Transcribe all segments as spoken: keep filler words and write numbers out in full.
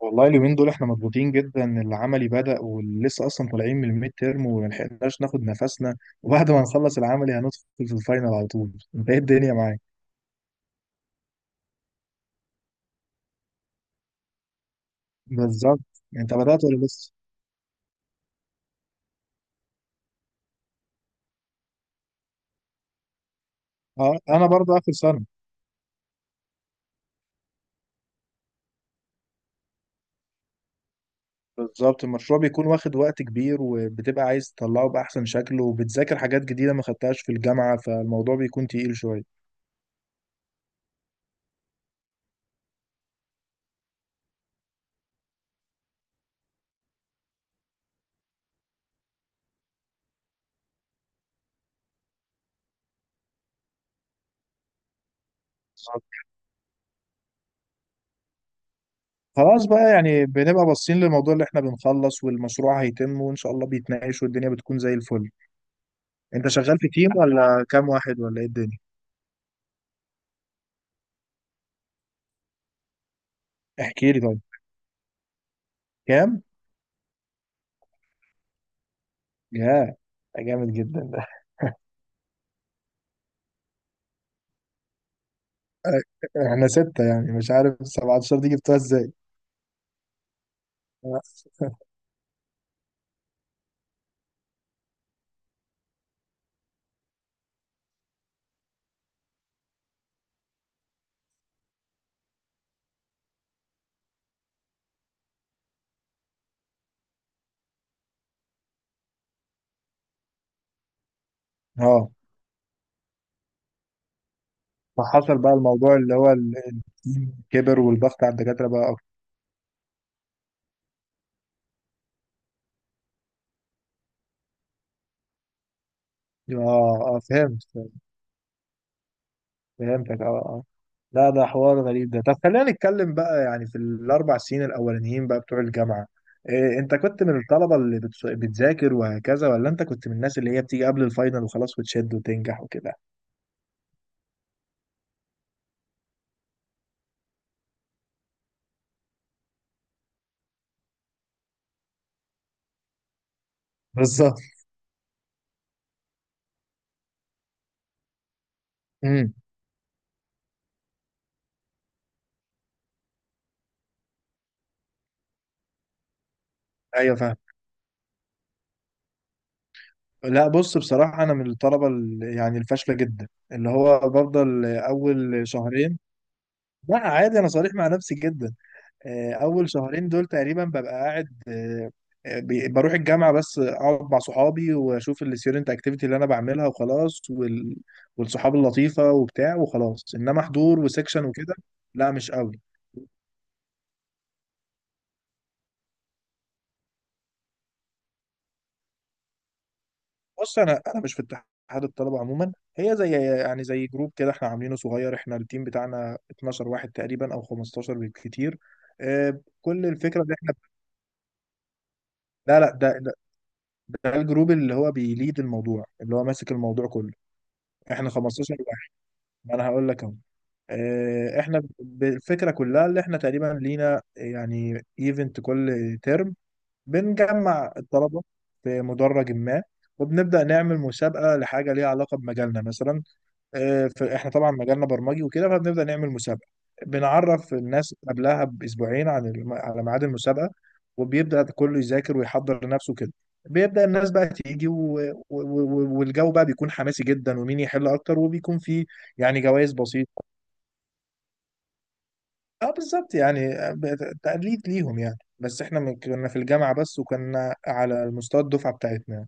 والله اليومين دول احنا مضغوطين جدا، العملي بدأ ولسه اصلا طالعين من الميد تيرم وما لحقناش ناخد نفسنا. وبعد ما نخلص العملي هندخل في الفاينل على طول. انت ايه الدنيا معاك؟ بالظبط. انت بدأت ولا لسه؟ اه، انا برضه اخر سنة. بالظبط، المشروع بيكون واخد وقت كبير وبتبقى عايز تطلعه بأحسن شكل، وبتذاكر حاجات جديدة ما خدتهاش في الجامعة، فالموضوع بيكون تقيل شوية. بالظبط. خلاص بقى، يعني بنبقى باصين للموضوع اللي احنا بنخلص والمشروع هيتم وإن شاء الله بيتناقش والدنيا بتكون زي الفل. انت شغال في تيم ولا كام واحد ولا ايه الدنيا؟ احكي لي طيب. كام؟ يا، ده جامد جدا ده. احنا ستة، يعني مش عارف سبعة عشر دي جبتها ازاي. اه، فحصل بقى الموضوع اللي هو ال- التيم كبر والضغط على الدكاترة بقى اكتر. اه اه، فهمت. فهمتك، اه اه. لا ده حوار غريب ده. طب خلينا نتكلم بقى يعني في الاربع سنين الاولانيين بقى بتوع الجامعة. إيه، انت كنت من الطلبة اللي بتس- بتذاكر وهكذا، ولا انت كنت من الناس اللي هي بتيجي قبل الفاينل وخلاص وتشد وتنجح وكده؟ بالظبط. امم. ايوه، فاهم. لا بص، بصراحه انا من الطلبه ال- يعني الفاشله جدا، اللي هو بفضل اول شهرين. لا عادي، انا صريح مع نفسي جدا. آه، اول شهرين دول تقريبا ببقى قاعد، آه، آه، بي- بروح الجامعه بس اقعد مع صحابي واشوف الستيودنت اكتيفيتي اللي انا بعملها وخلاص، وال... والصحاب اللطيفه وبتاع وخلاص، انما حضور وسكشن وكده. لا مش قوي. بص، انا انا مش في اتحاد الطلبه عموما. هي زي يعني زي جروب كده احنا عاملينه صغير. احنا التيم بتاعنا اثنا عشر واحد تقريبا، او خمستاشر بالكتير. آه، كل الفكره ان احنا، لا لا، ده, ده ده الجروب اللي هو بيليد الموضوع، اللي هو ماسك الموضوع كله. احنا خمستاشر واحد. ما انا هقول لك اهو. آه، احنا ب- الفكره كلها اللي احنا تقريبا لينا يعني ايفنت كل ترم. بنجمع الطلبه في مدرج ما، وبنبدا نعمل مسابقه لحاجه ليها علاقه بمجالنا مثلا. آه، فاحنا طبعا مجالنا برمجي وكده، فبنبدا نعمل مسابقه. بنعرف الناس قبلها باسبوعين عن الم... على ميعاد المسابقه، وبيبدا كله يذاكر ويحضر نفسه كده. بيبدا الناس بقى تيجي، و... و... و... والجو بقى بيكون حماسي جدا، ومين يحل اكتر، وبيكون فيه يعني جوائز بسيطه. اه بالظبط، يعني آه، ب- تقليد ليهم يعني، بس احنا من- كنا في الجامعه بس، وكنا على مستوى الدفعه بتاعتنا.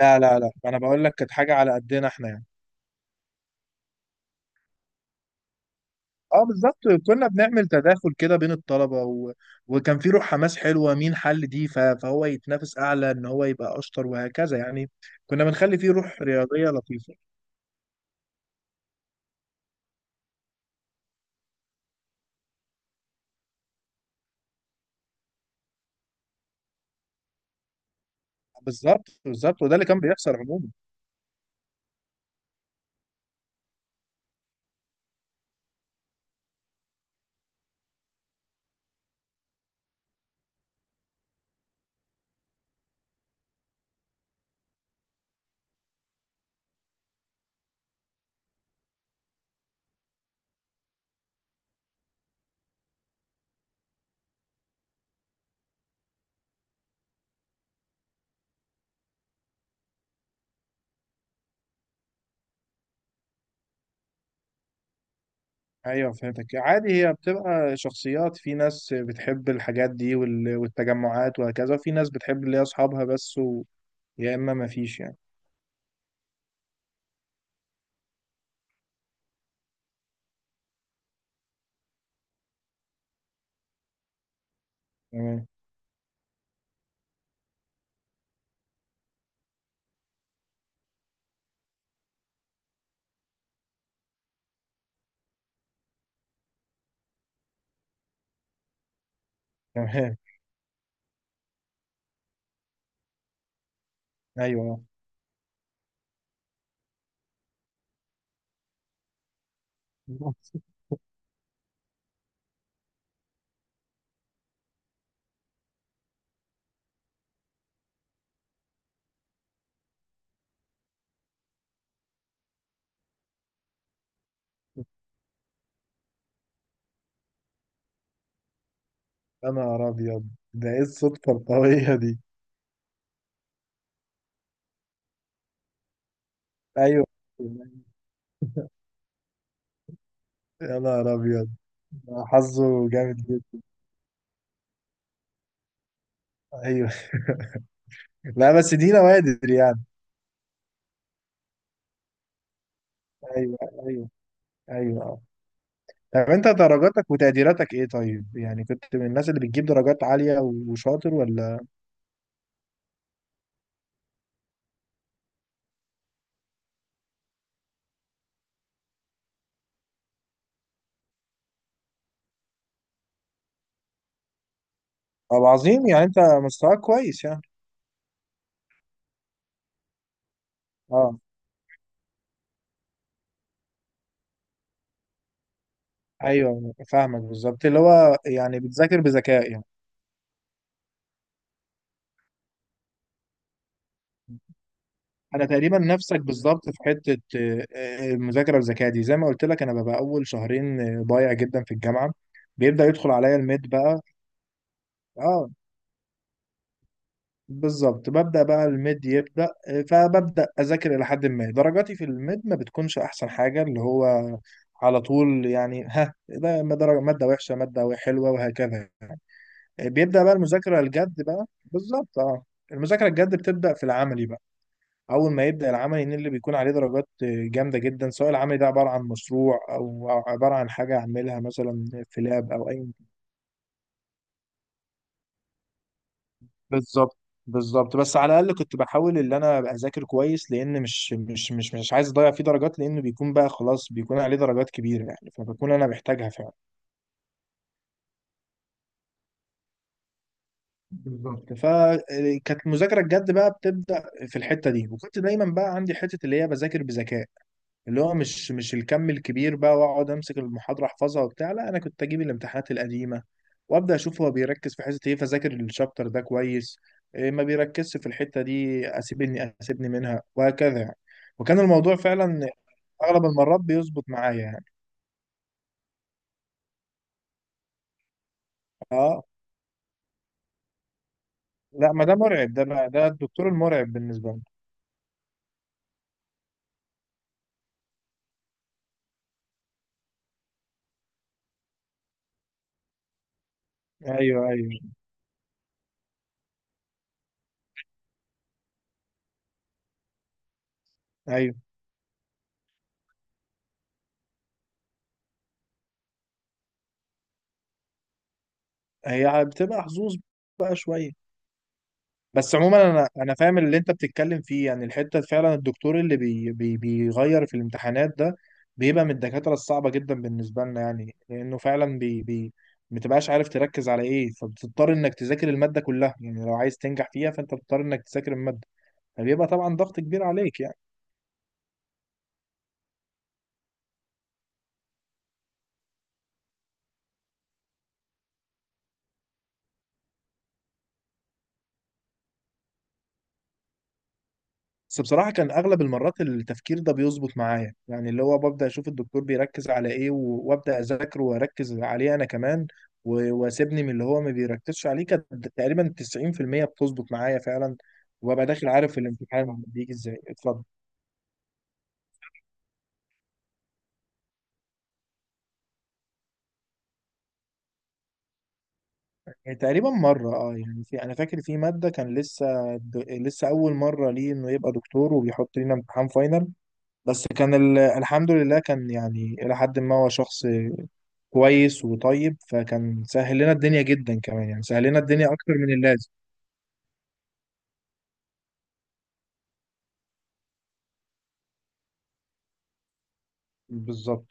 لا لا لا، انا بقول لك كانت حاجه على قدنا احنا يعني. اه بالظبط. كنا بنعمل تداخل كده بين الطلبة، و... وكان في روح حماس حلوة. مين حل دي ف... فهو يتنافس أعلى إن هو يبقى أشطر وهكذا يعني. كنا بنخلي فيه روح رياضية لطيفة. بالظبط بالظبط، وده اللي كان بيحصل عموما. أيوه فهمتك. عادي، هي بتبقى شخصيات. في ناس بتحب الحاجات دي وال... والتجمعات وهكذا، وفي ناس بتحب اللي هي أصحابها بس، و... يا إما مفيش يعني. تمام. تمام. أيوه. أنا أبيض. ده إيه الصدفة القوية دي؟ أيوه. يا نهار ابيض، ده حظه جامد جدا. ايوه. لا بس دي نوادر يعني. ايوه ايوه ايوه، آه. طب انت درجاتك وتقديراتك ايه طيب؟ يعني كنت من الناس اللي بتجيب درجات عالية وشاطر، ولا؟ طب عظيم، يعني انت مستواك كويس يعني. اه. ايوه فاهمك، بالظبط اللي هو يعني بتذاكر بذكاء يعني. انا تقريبا نفسك بالظبط في حتة آه، آه، المذاكرة بذكاء دي. زي ما قلت لك، انا ببقى اول شهرين آه، ضايع جدا في الجامعة. بيبدأ يدخل عليا الميد بقى. اه بالظبط، ببدأ بقى الميد يبدأ، فببدأ أذاكر. إلى حد ما درجاتي في الميد ما بتكونش أحسن حاجة، اللي هو على طول يعني، ها، ده درجة مادة وحشة، مادة حلوة وهكذا يعني. بيبدأ بقى المذاكرة الجد بقى، بالظبط اه. المذاكرة الجد بتبدأ في العملي بقى. أول ما يبدأ العملي، إن اللي بيكون عليه درجات جامدة جدا، سواء العملي ده عبارة عن مشروع أو عبارة عن حاجة أعملها مثلا في لاب أو أي. بالظبط بالظبط. بس على الاقل كنت بحاول ان انا ابقى اذاكر كويس، لان مش مش مش مش عايز اضيع فيه درجات، لانه بيكون بقى خلاص بيكون عليه درجات كبيره يعني، فبكون انا محتاجها فعلا. بالظبط، فكانت المذاكره الجد بقى بتبدا في الحته دي. وكنت دايما بقى عندي حته اللي هي بذاكر بذكاء، اللي هو مش مش الكم الكبير بقى واقعد امسك المحاضره احفظها وبتاع، لا انا كنت اجيب الامتحانات القديمه وابدا اشوف هو بيركز في حته ايه، فذاكر الشابتر ده كويس. إيه ما بيركزش في الحته دي اسيبني اسيبني منها وهكذا يعني. وكان الموضوع فعلا اغلب المرات بيظبط معايا يعني. اه لا، ما ده مرعب ده بقى، ده الدكتور المرعب بالنسبه لي. ايوه ايوه ايوه. هي بتبقى حظوظ بقى شويه. بس عموما انا انا فاهم اللي انت بتتكلم فيه يعني. الحته فعلا الدكتور اللي بي بي بيغير في الامتحانات ده، بيبقى من الدكاتره الصعبه جدا بالنسبه لنا يعني، لانه فعلا بي بي ما بتبقاش عارف تركز على ايه، فبتضطر انك تذاكر الماده كلها يعني. لو عايز تنجح فيها، فانت بتضطر انك تذاكر الماده، فبيبقى طبعا ضغط كبير عليك يعني. بس بصراحة كان أغلب المرات التفكير ده بيظبط معايا يعني، اللي هو ببدأ أشوف الدكتور بيركز على إيه و- وأبدأ أذاكره وأركز عليه أنا كمان، و- وأسيبني من اللي هو ما بيركزش عليه. كانت تقريبا تسعين في المية بتظبط معايا فعلا، وأبقى داخل عارف الامتحان بيجي إزاي اتفضل. يعني تقريبا مرة، أه يعني، في أنا فاكر في مادة كان لسه د- لسه أول مرة ليه إنه يبقى دكتور، وبيحط لنا امتحان فاينل. بس كان ال- الحمد لله كان يعني إلى حد ما هو شخص كويس وطيب، فكان سهل لنا الدنيا جدا كمان، يعني سهل لنا الدنيا اكتر من اللازم. بالظبط